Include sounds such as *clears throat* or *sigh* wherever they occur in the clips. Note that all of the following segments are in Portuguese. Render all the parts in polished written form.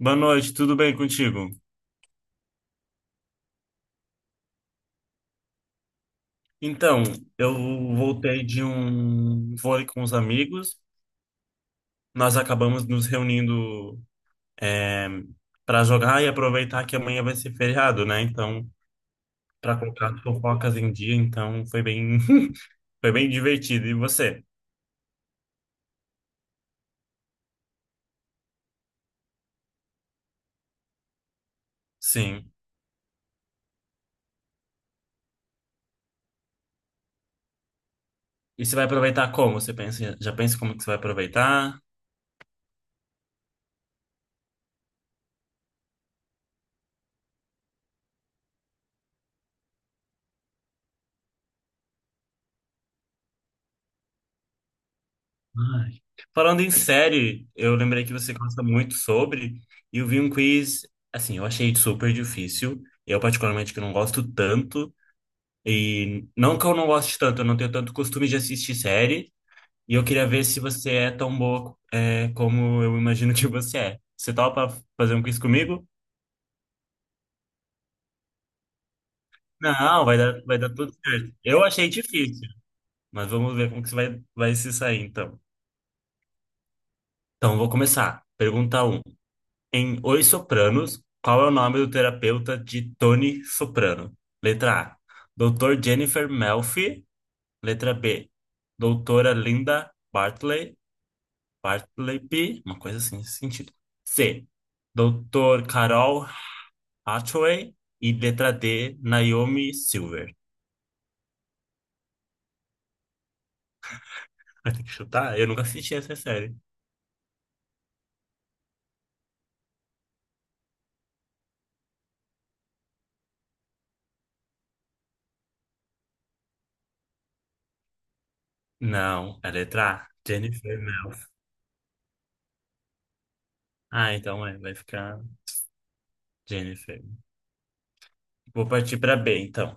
Boa noite, tudo bem contigo? Então, eu voltei de um vôlei com os amigos. Nós acabamos nos reunindo para jogar e aproveitar que amanhã vai ser feriado, né? Então, para colocar as fofocas em dia, então foi bem, *laughs* foi bem divertido. E você? Sim. E você vai aproveitar como? Já pensa como que você vai aproveitar? Ai. Falando em série, eu lembrei que você gosta muito sobre, e eu vi um quiz, assim, eu achei super difícil. Eu, particularmente, que não gosto tanto, e não que eu não goste tanto, eu não tenho tanto costume de assistir série, e eu queria ver se você é tão boa, é, como eu imagino que você é. Você topa fazer um quiz comigo? Não, vai dar tudo certo. Eu achei difícil, mas vamos ver como que você vai se sair, então. Então, vou começar. Pergunta um. Em Os Sopranos, qual é o nome do terapeuta de Tony Soprano? Letra A. Doutor Jennifer Melfi. Letra B. Doutora Linda Bartley. Bartleby. Uma coisa assim, nesse sentido. C. Doutor Carol Hathaway. E letra D. Naomi Silver. *laughs* Vai ter que chutar? Eu nunca assisti essa série. Não, é letra A. Jennifer Melfi. Ah, então é, vai ficar Jennifer. Vou partir para B, então.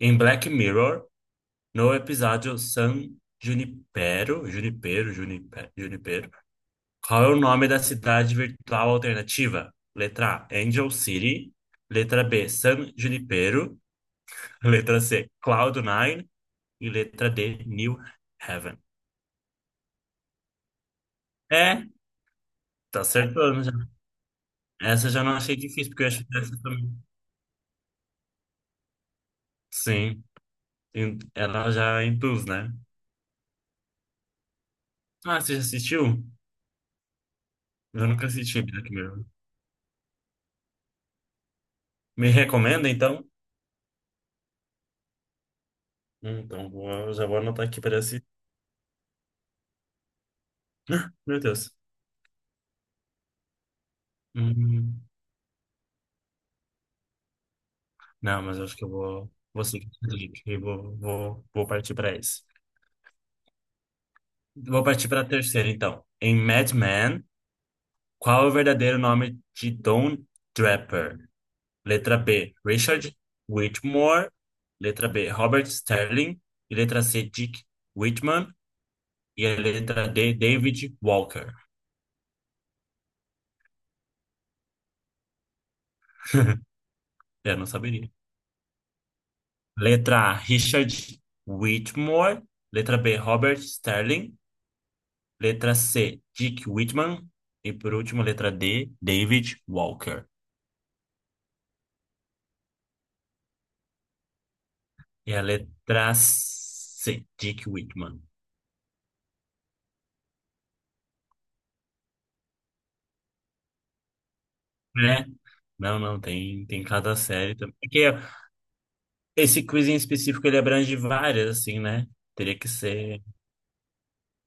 Em Black Mirror. No episódio San Junipero, qual é o nome da cidade virtual alternativa? Letra A, Angel City. Letra B, San Junipero. Letra C, Cloud Nine. E letra D, New Haven. É, tá acertando já. Essa eu já não achei difícil, porque eu achei essa também. Sim, ela já induz, né? Ah, você já assistiu? Eu nunca assisti Black Mirror. Me recomenda, então? Então, já vou anotar aqui para assistir. *laughs* Ah, meu Deus. Hum, não, mas eu acho que eu vou seguir esse link e vou partir para esse. Vou partir para a terceira, então. Em Mad Men, qual é o verdadeiro nome de Don Draper? Letra B, Richard Whitmore. Letra B, Robert Sterling. E letra C, Dick Whitman. E a letra D, David Walker. *laughs* Eu não saberia. Letra A, Richard Whitmore. Letra B, Robert Sterling. Letra C, Dick Whitman. E por último, letra D, David Walker. E a letra C, Dick Whitman. Né? Não, não, tem cada série também. Porque esse quiz em específico, ele abrange várias, assim, né? Teria que ser...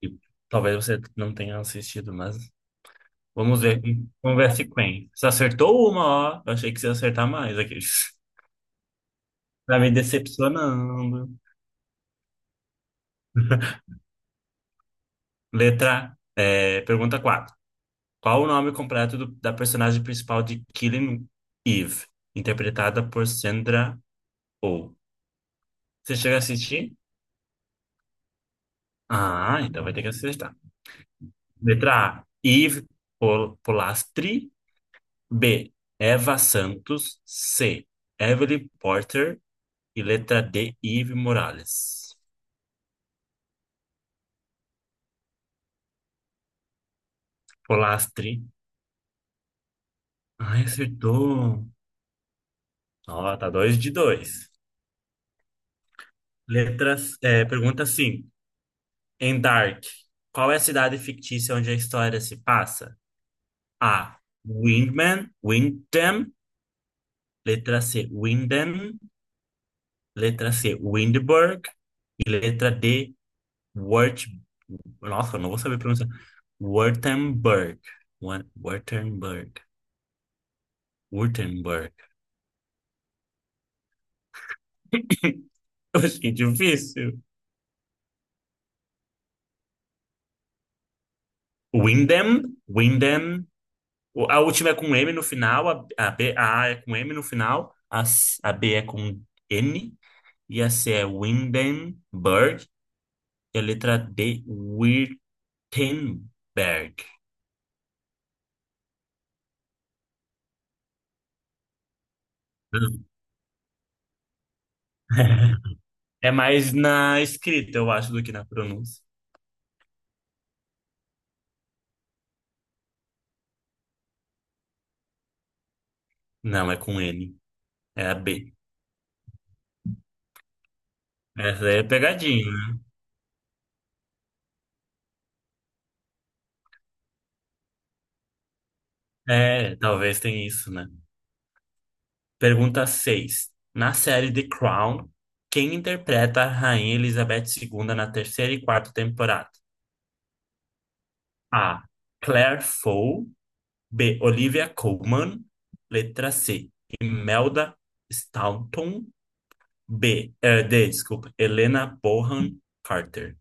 E talvez você não tenha assistido, mas... Vamos ver. Vamos ver se quem. Você acertou uma, ó. Eu achei que você ia acertar mais aqui. *laughs* Tá me decepcionando. Letra... é, pergunta 4. Qual o nome completo da personagem principal de Killing Eve, interpretada por Sandra Oh? Você chega a assistir? Ah, então vai ter que acertar. Letra A, Eve Polastri. B, Eva Santos. C, Evelyn Porter. E letra D, Eve Morales. Polastri. Ai, acertou. Ó, tá dois de dois. Letras, é, pergunta 5. Em Dark, qual é a cidade fictícia onde a história se passa? A. Windman, Windham. Letra C. Windham. Letra C. Windberg. E letra D. Wurt... Nossa, eu não vou saber pronunciar. Wurtemberg. Wurtemberg. Wurtemberg. *coughs* *laughs* Eu achei difícil. Windham. Windham. A última é com M no final. A, B, a A é com M no final. A, a B é com N. E a C é Windenberg. É a letra D, Wittenberg. Hum. *laughs* É mais na escrita, eu acho, do que na pronúncia. Não, é com N. É a B. Essa aí é pegadinha, né? É, talvez tenha isso, né? Pergunta seis. Na série The Crown, quem interpreta a Rainha Elizabeth II na terceira e quarta temporada? A. Claire Foy. B. Olivia Colman. Letra C. Imelda Staunton. B, D, desculpa. Helena Bonham Carter.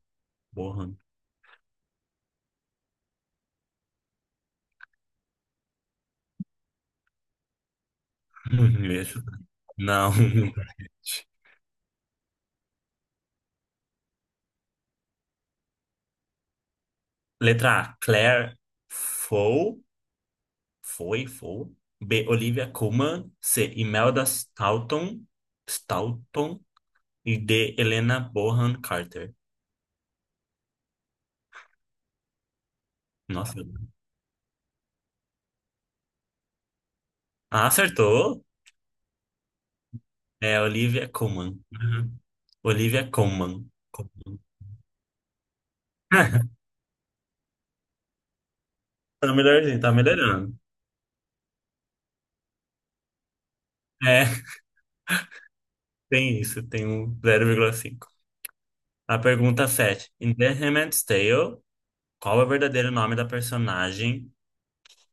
Bonham. *laughs* Isso. Não. Letra A, Claire Foy. Foy. B, Olivia Colman. C, Imelda Staunton. Staunton. E D, Helena Bonham Carter. Nossa. Ah, acertou. É Olivia Colman. Uhum. Olivia Colman. Colman. *laughs* Tá melhorzinho, tá melhorando. É, tem isso, tem um 0,5. A pergunta 7. Em The Handmaid's Tale, qual é o verdadeiro nome da personagem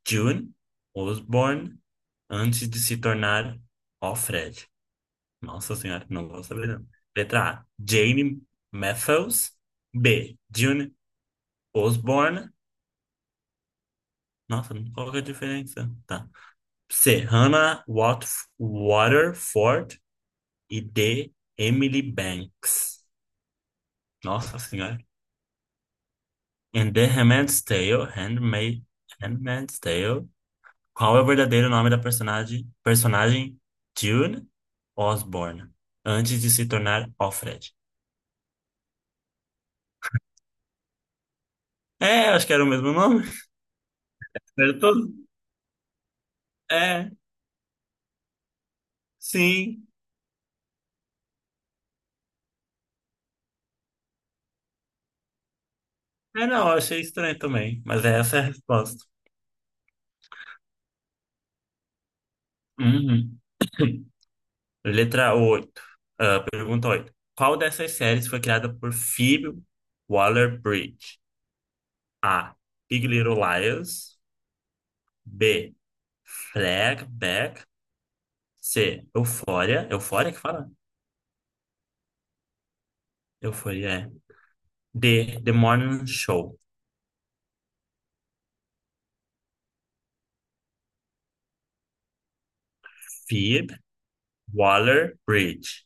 June Osborne antes de se tornar Alfred? Nossa senhora, não vou saber não. Letra A, Jane Matthews. B, June Osborne. Nossa, qual que é a diferença? Tá. C, Hannah Waterford. E D, Emily Banks. Nossa senhora. In The Handmaid's Tale, Handmaid's Tale, qual é o verdadeiro nome da personagem June Osborne, antes de se tornar Alfred? É, acho que era o mesmo nome. *laughs* Acertou? É, sim. É, não, eu achei estranho também, mas essa é a resposta. Uhum. *coughs* *clears throat* Letra 8. Pergunta 8. Qual dessas séries foi criada por Phoebe Waller-Bridge? A. Big Little Liars. B. Fleabag. C. Euphoria. Euphoria que fala? Eu fui, é. The Morning Show. Phoebe Waller-Bridge.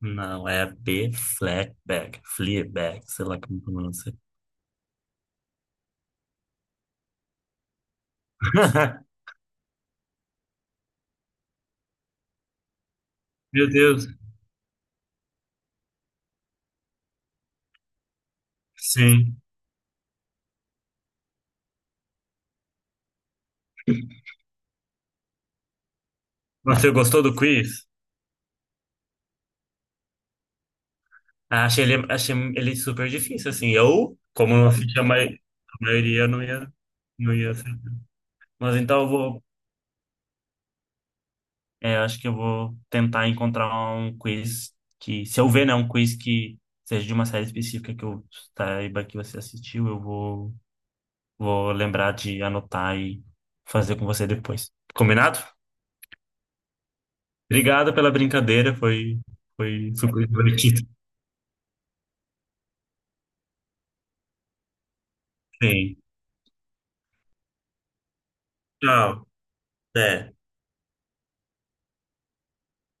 Não, é B. Fleabag. Fleabag, sei lá como pronuncia. *laughs* Meu Deus. Sim. Você gostou do quiz? Ah, achei ele super difícil, assim. Eu, como não assisti a maioria, não ia ser. Mas então eu vou... É, acho que eu vou tentar encontrar um quiz que... Se eu ver, né, um quiz que seja de uma série específica que eu saiba que você assistiu, eu vou... Vou lembrar de anotar e fazer com você depois. Combinado? Obrigado pela brincadeira, foi super divertido. Sim. Tchau. Até.